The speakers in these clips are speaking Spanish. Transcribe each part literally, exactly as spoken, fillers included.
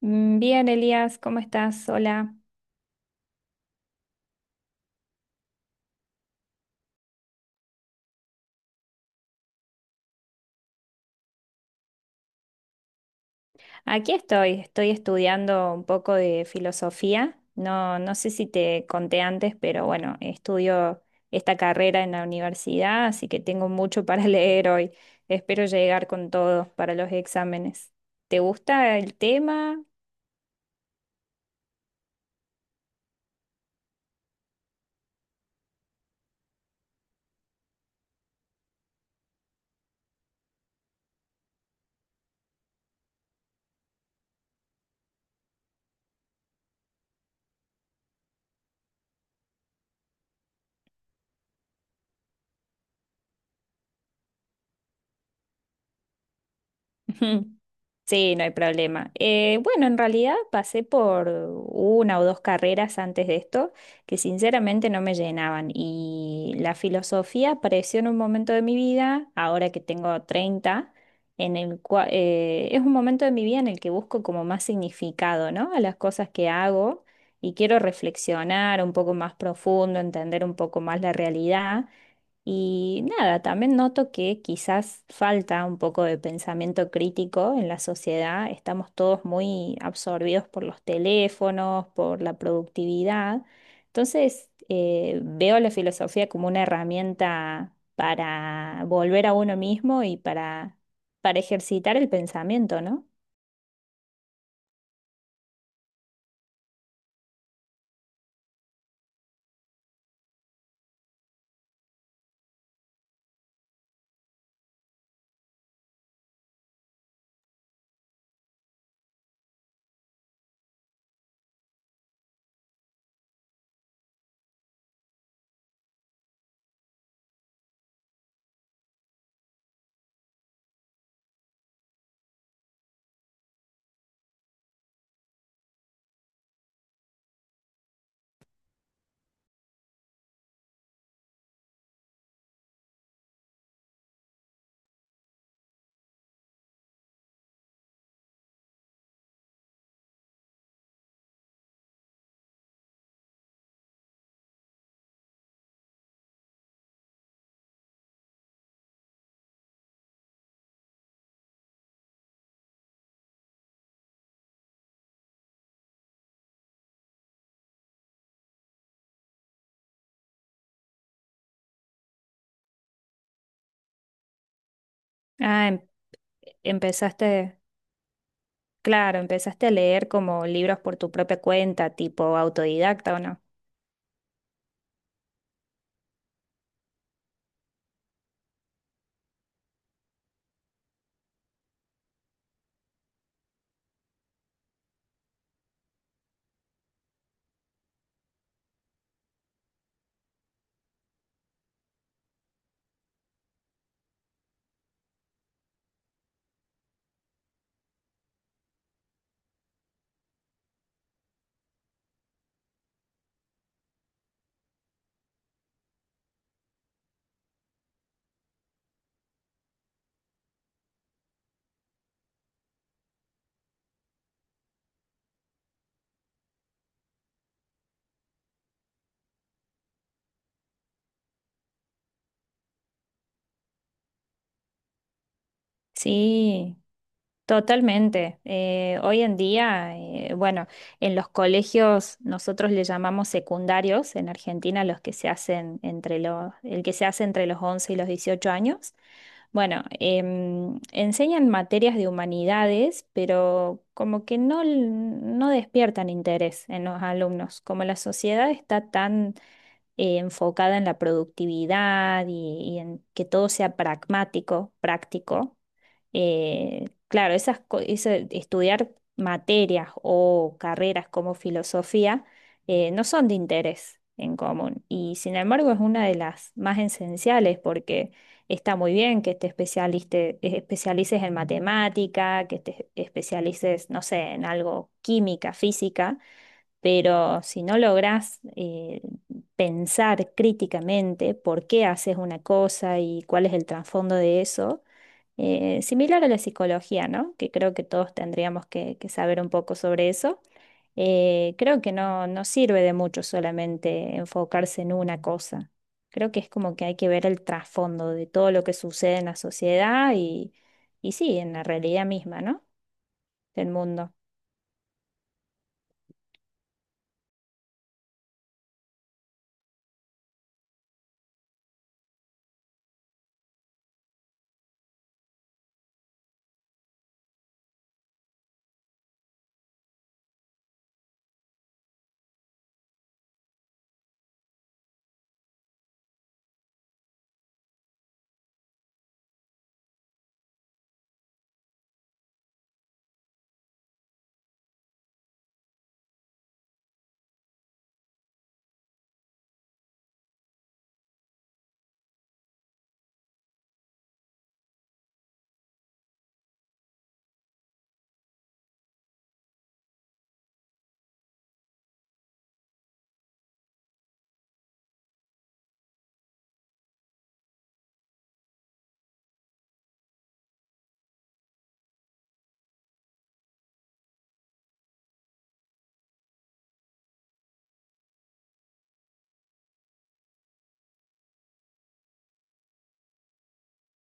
Mm, Bien, Elías, ¿cómo estás? Hola. Aquí estoy, estoy estudiando un poco de filosofía. No, no sé si te conté antes, pero bueno, estudio esta carrera en la universidad, así que tengo mucho para leer hoy. Espero llegar con todo para los exámenes. ¿Te gusta el tema? Ujú. Sí, no hay problema. Eh, bueno, en realidad pasé por una o dos carreras antes de esto que sinceramente no me llenaban, y la filosofía apareció en un momento de mi vida, ahora que tengo treinta, en el cual es un momento de mi vida en el que busco como más significado, ¿no? A las cosas que hago, y quiero reflexionar un poco más profundo, entender un poco más la realidad. Y nada, también noto que quizás falta un poco de pensamiento crítico en la sociedad. Estamos todos muy absorbidos por los teléfonos, por la productividad. Entonces, eh, veo la filosofía como una herramienta para volver a uno mismo y para, para ejercitar el pensamiento, ¿no? Ah, em- empezaste, claro, empezaste a leer como libros por tu propia cuenta, tipo autodidacta, ¿o no? Sí. Totalmente. Eh, hoy en día, eh, bueno, en los colegios nosotros le llamamos secundarios en Argentina los que se hacen entre los, el que se hace entre los once y los dieciocho años. Bueno, em, enseñan materias de humanidades, pero como que no, l- no despiertan interés en los alumnos. Como la sociedad está tan eh, enfocada en la productividad y, y en que todo sea pragmático, práctico. Eh, claro, esas, co- eso de estudiar materias o carreras como filosofía eh, no son de interés en común, y sin embargo es una de las más esenciales, porque está muy bien que te especialiste- eh, especialices en matemática, que te especialices, no sé, en algo química, física, pero si no logras eh, pensar críticamente por qué haces una cosa y cuál es el trasfondo de eso, eh, similar a la psicología, ¿no? Que creo que todos tendríamos que, que saber un poco sobre eso. Eh, creo que no, no sirve de mucho solamente enfocarse en una cosa. Creo que es como que hay que ver el trasfondo de todo lo que sucede en la sociedad, y, y sí, en la realidad misma, ¿no? Del mundo.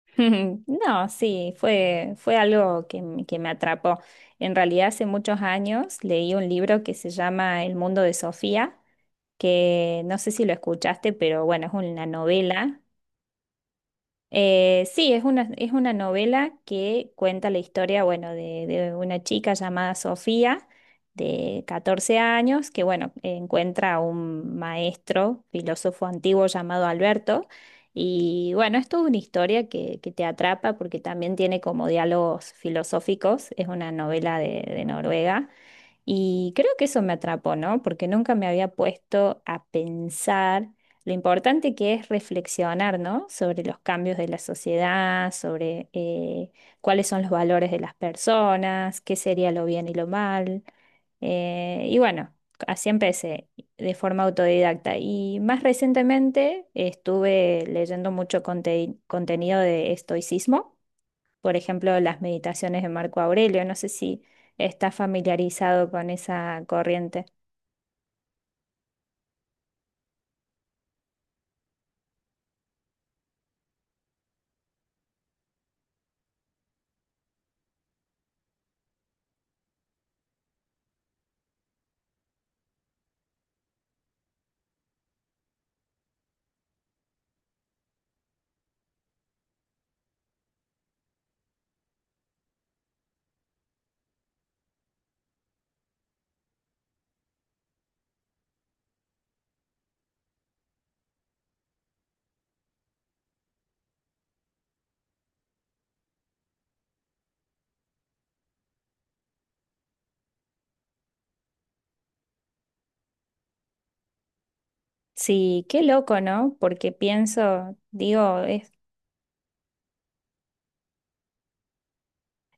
No, sí, fue, Fue algo que, m- que me atrapó. En realidad, hace muchos años leí un libro que se llama El mundo de Sofía, que no sé si lo escuchaste, pero bueno, es una novela. Eh, sí, es una, es una novela que cuenta la historia, bueno, de, de una chica llamada Sofía, de catorce años, que, bueno, encuentra a un maestro, filósofo antiguo llamado Alberto. Y bueno, es toda una historia que, que te atrapa porque también tiene como diálogos filosóficos. Es una novela de, de Noruega. Y creo que eso me atrapó, ¿no? Porque nunca me había puesto a pensar lo importante que es reflexionar, ¿no? Sobre los cambios de la sociedad, sobre eh, cuáles son los valores de las personas, qué sería lo bien y lo mal. Eh, y bueno, así empecé de forma autodidacta. Y más recientemente estuve leyendo mucho conte- contenido de estoicismo, por ejemplo, las meditaciones de Marco Aurelio. No sé si estás familiarizado con esa corriente. Sí, qué loco, ¿no? Porque pienso, digo, es...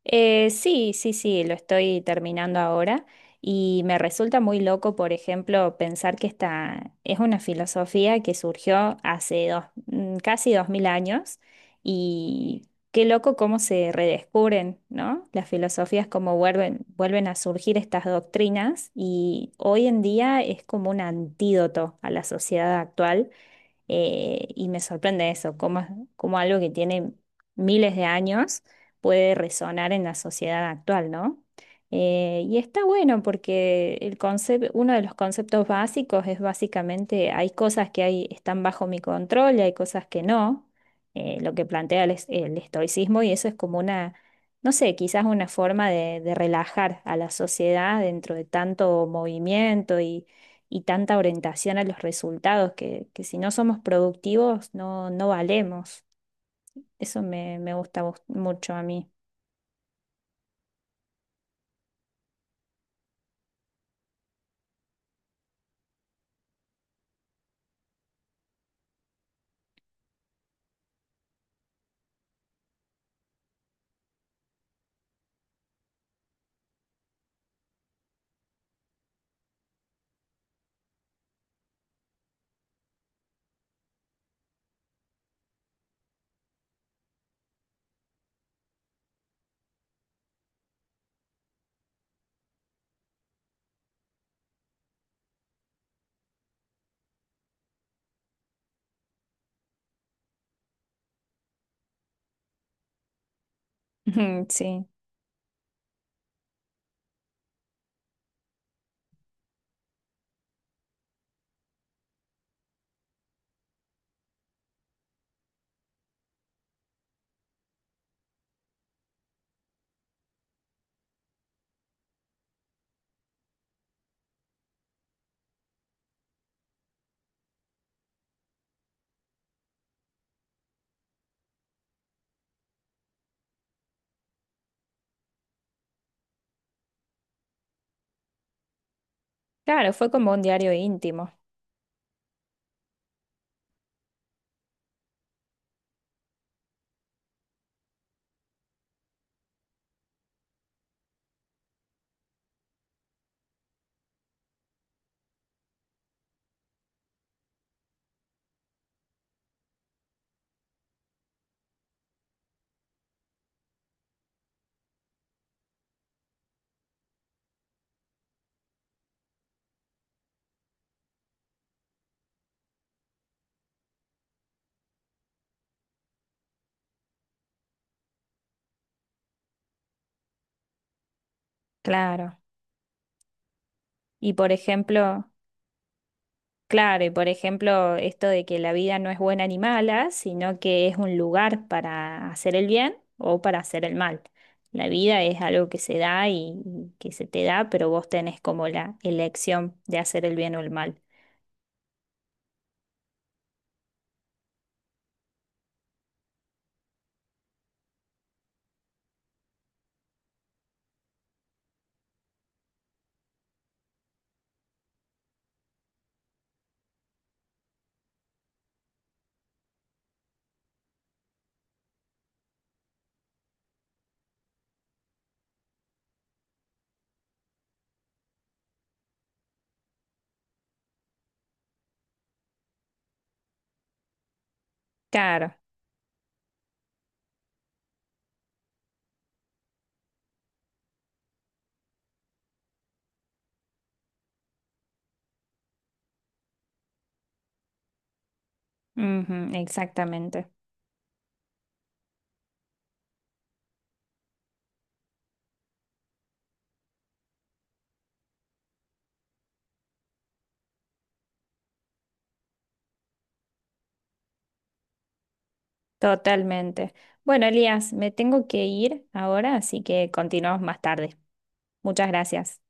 Eh, sí, sí, sí, lo estoy terminando ahora, y me resulta muy loco, por ejemplo, pensar que esta es una filosofía que surgió hace dos, mm, casi dos mil años. Y qué loco cómo se redescubren, ¿no? Las filosofías, cómo vuelven, vuelven a surgir estas doctrinas, y hoy en día es como un antídoto a la sociedad actual. Eh, y me sorprende eso, cómo, cómo algo que tiene miles de años puede resonar en la sociedad actual, ¿no? Eh, y está bueno porque el concep- uno de los conceptos básicos es básicamente hay cosas que hay, están bajo mi control y hay cosas que no, eh, lo que plantea el, es- el estoicismo, y eso es como una, no sé, quizás una forma de de relajar a la sociedad dentro de tanto movimiento y tanta orientación a los resultados, que, que si no somos productivos no, no valemos. Eso me, me gusta bus- mucho a mí. Ujú. Sí, claro, fue como un diario íntimo. Claro. Y por ejemplo, claro, y por ejemplo, esto de que la vida no es buena ni mala, sino que es un lugar para hacer el bien o para hacer el mal. La vida es algo que se da, y y que se te da, pero vos tenés como la elección de hacer el bien o el mal. Claro, ujú, exactamente. Totalmente. Bueno, Elías, me tengo que ir ahora, así que continuamos más tarde. Muchas gracias.